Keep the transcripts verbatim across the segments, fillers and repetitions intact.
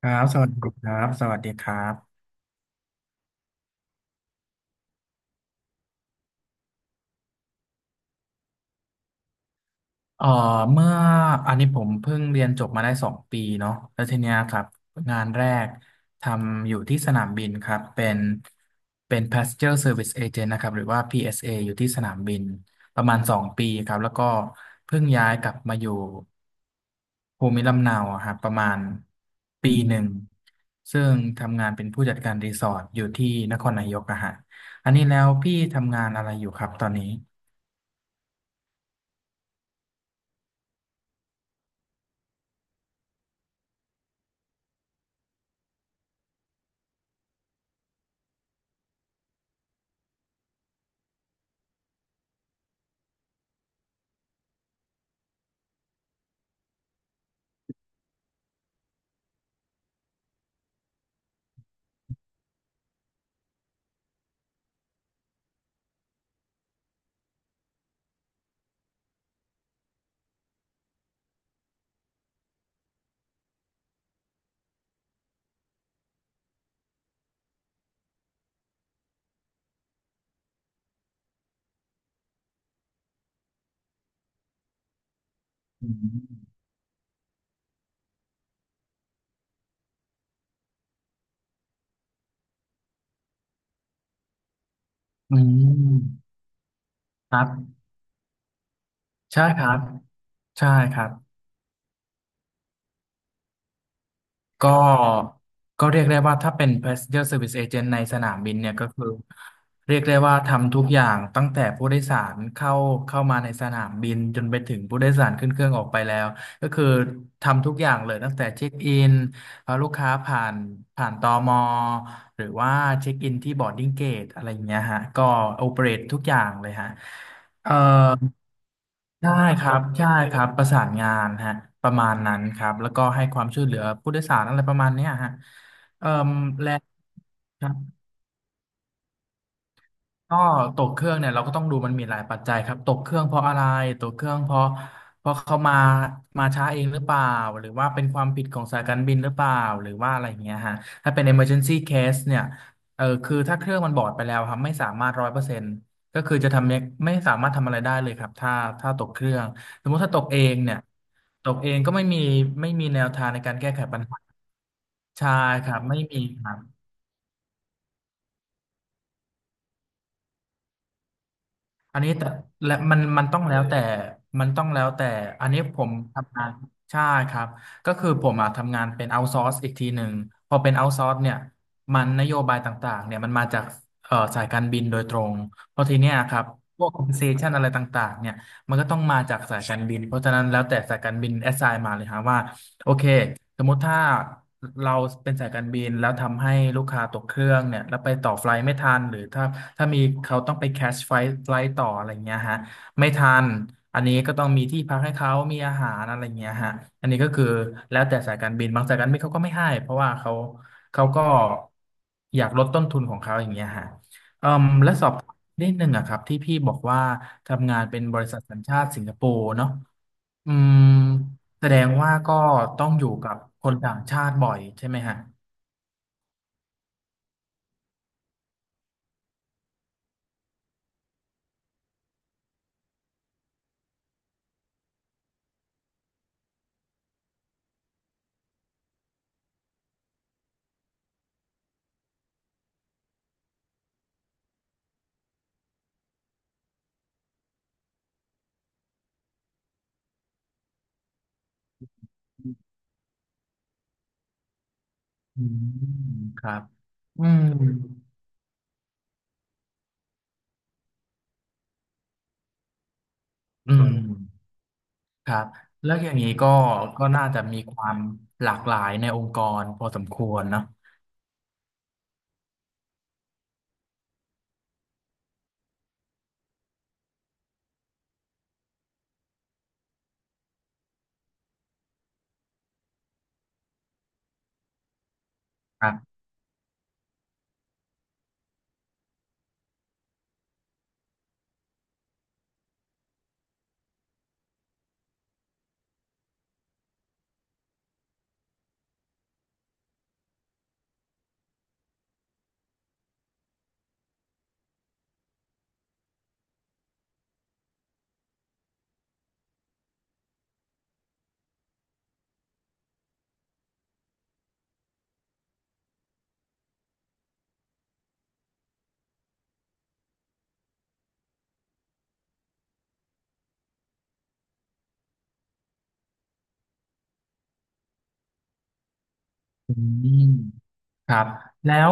ครับสวัสดีครับสวัสดีครับเอ่อเมื่ออันนี้ผมเพิ่งเรียนจบมาได้สองปีเนาะแล้วทีเนี้ยครับงานแรกทำอยู่ที่สนามบินครับเป็นเป็น Passenger Service Agent นะครับหรือว่า พี เอส เอ อสเออยู่ที่สนามบินประมาณสองปีครับแล้วก็เพิ่งย้ายกลับมาอยู่ภูมิลำเนาอะครับประมาณปีหนึ่งซึ่งทำงานเป็นผู้จัดการรีสอร์ทอยู่ที่นครนายกอะฮะอันนี้แล้วพี่ทำงานอะไรอยู่ครับตอนนี้ อืมอืมครับใช่ครับใช่ครับก็ก็เรียกได้ว่าถ้าเป็น passenger service agent ในสนามบินเนี่ยก็คือเรียกได้ว่าทำทุกอย่างตั้งแต่ผู้โดยสารเข้าเข้ามาในสนามบินจนไปถึงผู้โดยสารขึ้นเครื่องออกไปแล้วก็คือทำทุกอย่างเลยตั้งแต่เช็คอินพาลูกค้าผ่านผ่านตมหรือว่าเช็คอินที่บอร์ดดิ้งเกตอะไรอย่างเงี้ยฮะก็โอเปเรตทุกอย่างเลยฮะเอ่อ ใช่ครับ ใช่ครับ ประสานงานฮะประมาณนั้นครับ แล้วก็ให้ความช่วยเหลือผู้โดยสารอะไรประมาณเนี้ยฮะเอ่อและ ก็ตกเครื่องเนี่ยเราก็ต้องดูมันมีหลายปัจจัยครับตกเครื่องเพราะอะไรตกเครื่องเพราะเพราะเขามามาช้าเองหรือเปล่าหรือว่าเป็นความผิดของสายการบินหรือเปล่าหรือว่าอะไรอย่างเงี้ยฮะถ้าเป็น emergency case เนี่ยเออคือถ้าเครื่องมันบอดไปแล้วครับไม่สามารถร้อยเปอร์เซ็นต์ก็คือจะทำไม่ไม่สามารถทำอะไรได้เลยครับถ้าถ้าตกเครื่องสมมติถ้าตกเองเนี่ยตกเองก็ไม่มีไม่มีแนวทางในการแก้ไขปัญหาใช่ครับไม่มีครับ อันนี้แต่และมันมันต้องแล้วแต่มันต้องแล้วแต่อันนี้ผมทำงานใช่ครับก็คือผมอ่ะทำงานเป็น outsource อีกทีหนึ่งพอเป็น outsource เนี่ยมันนโยบายต่างๆเนี่ยมันมาจากเอ่อสายการบินโดยตรงเพราะทีเนี้ยครับพวก compensation อะไรต่างๆเนี่ยมันก็ต้องมาจากสายการบินเพราะฉะนั้นแล้วแต่สายการบิน assign มาเลยฮะว่า โอเคสมมติถ้าเราเป็นสายการบินแล้วทำให้ลูกค้าตกเครื่องเนี่ยแล้วไปต่อไฟล์ไม่ทันหรือถ้าถ้ามีเขาต้องไปแคชไฟล์ไฟล์ต่ออะไรเงี้ยฮะไม่ทันอันนี้ก็ต้องมีที่พักให้เขามีอาหารอะไรเงี้ยฮะอันนี้ก็คือแล้วแต่สายการบินบางสายการบินเขาก็ไม่ให้เพราะว่าเขาเขาก็อยากลดต้นทุนของเขาอย่างเงี้ยฮะเอ่มและสอบนิดนึงอะครับที่พี่บอกว่าทำงานเป็นบริษัทสัญชาติสิงคโปร์เนาะอืม แสดงว่าก็ต้องอยู่กับคนต่างชาติบ่อยใช่ไหมฮะอืมครับอืมอืมครับแล้วอย่างนี้ก็ก็น่าจะมีความหลากหลายในองค์กรพอสมควรเนอะครับอืมครับแล้ว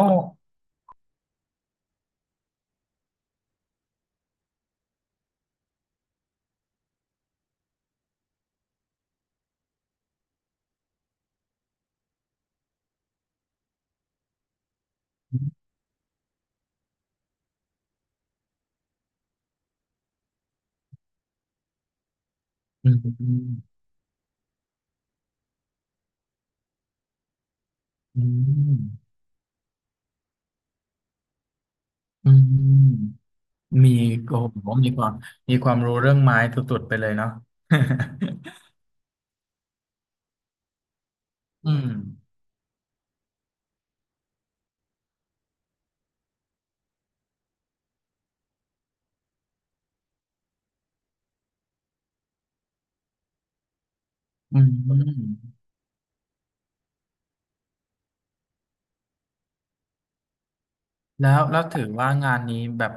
อืมอืมอืมมีโอ้โหมีความมีความรู้เรื่องไม้สุดๆไปเลยเนาะ อืมอืม แล้วแล้วถือว่างานนี้แบบ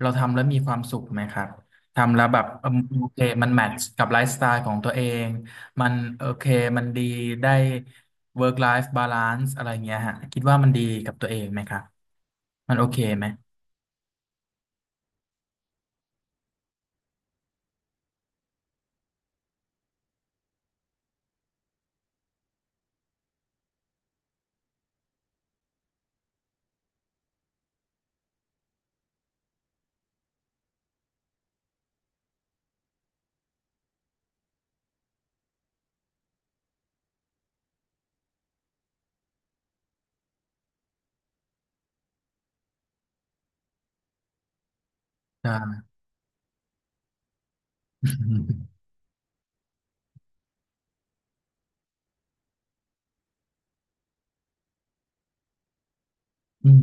เราทำแล้วมีความสุขไหมครับทำแล้วแบบเอิ่มโอเคมันแมทช์กับไลฟ์สไตล์ของตัวเองมันโอเคมันดีได้ work life balance อะไรเงี้ยฮะคิดว่ามันดีกับตัวเองไหมครับมันโอเคไหมได้ อืม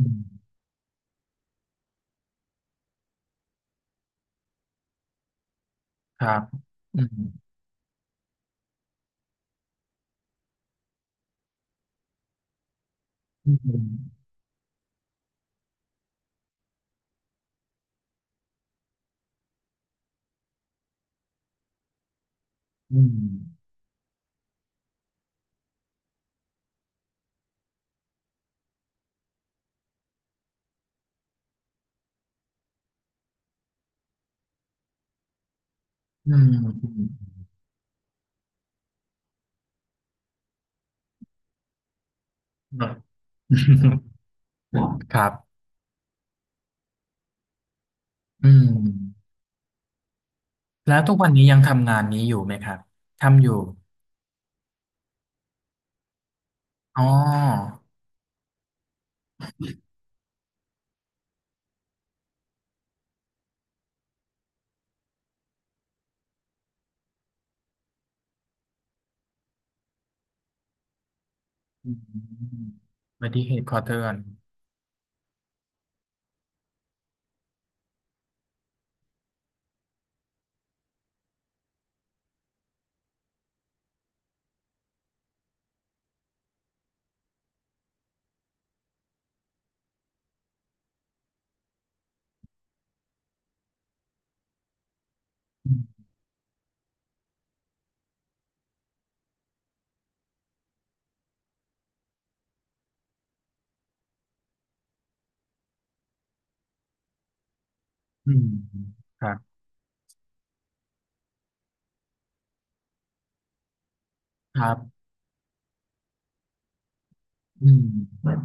ครับอืมอืมอืมอืมอืมครับอืมแล้วทุกวันนี้ยังทำงานนี้อยู่ไหมครับทำอยู่ อ๋ออืมอุบัติเหตุขอเตือนอืมอืมครับครับอืม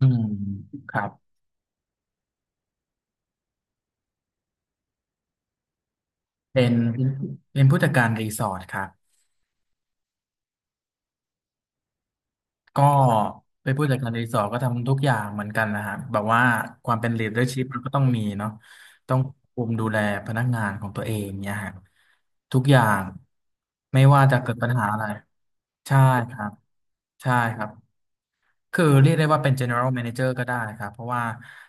อืมครับเป็นเป็นผู้จัดการรีสอร์ทครับก็เป็นผู้จัดการรีสอร์ทก็ทำทุกอย่างเหมือนกันนะฮะแบบว่าความเป็น leadership มันก็ต้องมีเนาะต้องคุมดูแลพนักงานของตัวเองเนี่ยฮะทุกอย่างไม่ว่าจะเกิดปัญหาอะไรใช่ครับใช่ครับ คือเรียกได้ว่าเป็น general manager ก็ได้ครับเพราะว่า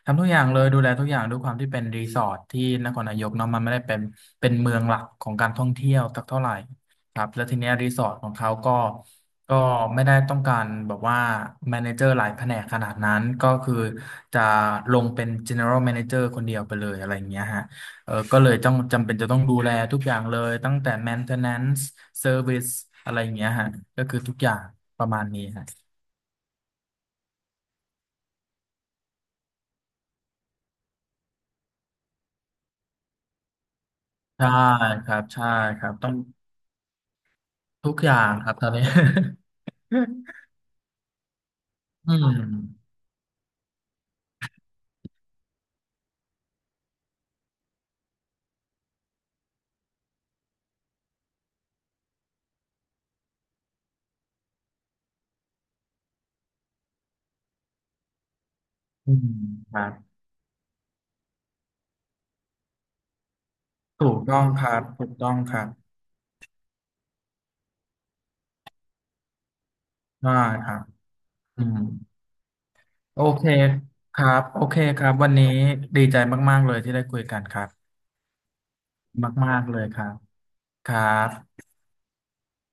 ทำทุกอย่างเลยดูแลทุกอย่างด้วยความที่เป็นรีสอร์ทที่นครนายกเนาะมันไม่ได้เป็นเป็นเมืองหลักของการท่องเที่ยวสักเท่าไหร่ครับแล้วทีเนี้ยรีสอร์ทของเขาก็ก็ไม่ได้ต้องการแบบว่า manager หลายแผนกขนาดนั้นก็คือจะลงเป็น general manager คนเดียวไปเลยอะไรอย่างเงี้ยฮะเออก็เลยต้องจำเป็นจะต้องดูแลทุกอย่างเลยตั้งแต่ maintenance service อะไรอย่างเงี้ยฮะก็คือทุกอย่างประมาณนี้ฮะ ใช่ครับใช่ครับต้องทุกอย่างครับตอนนี้ อืมอืมครับถูกต้องครับถูกต้องครับได้ครับอืมโอเคครับโอเคครับวันนี้ดีใจมากๆเลยที่ได้คุยกันครับมากๆเลยครับครับ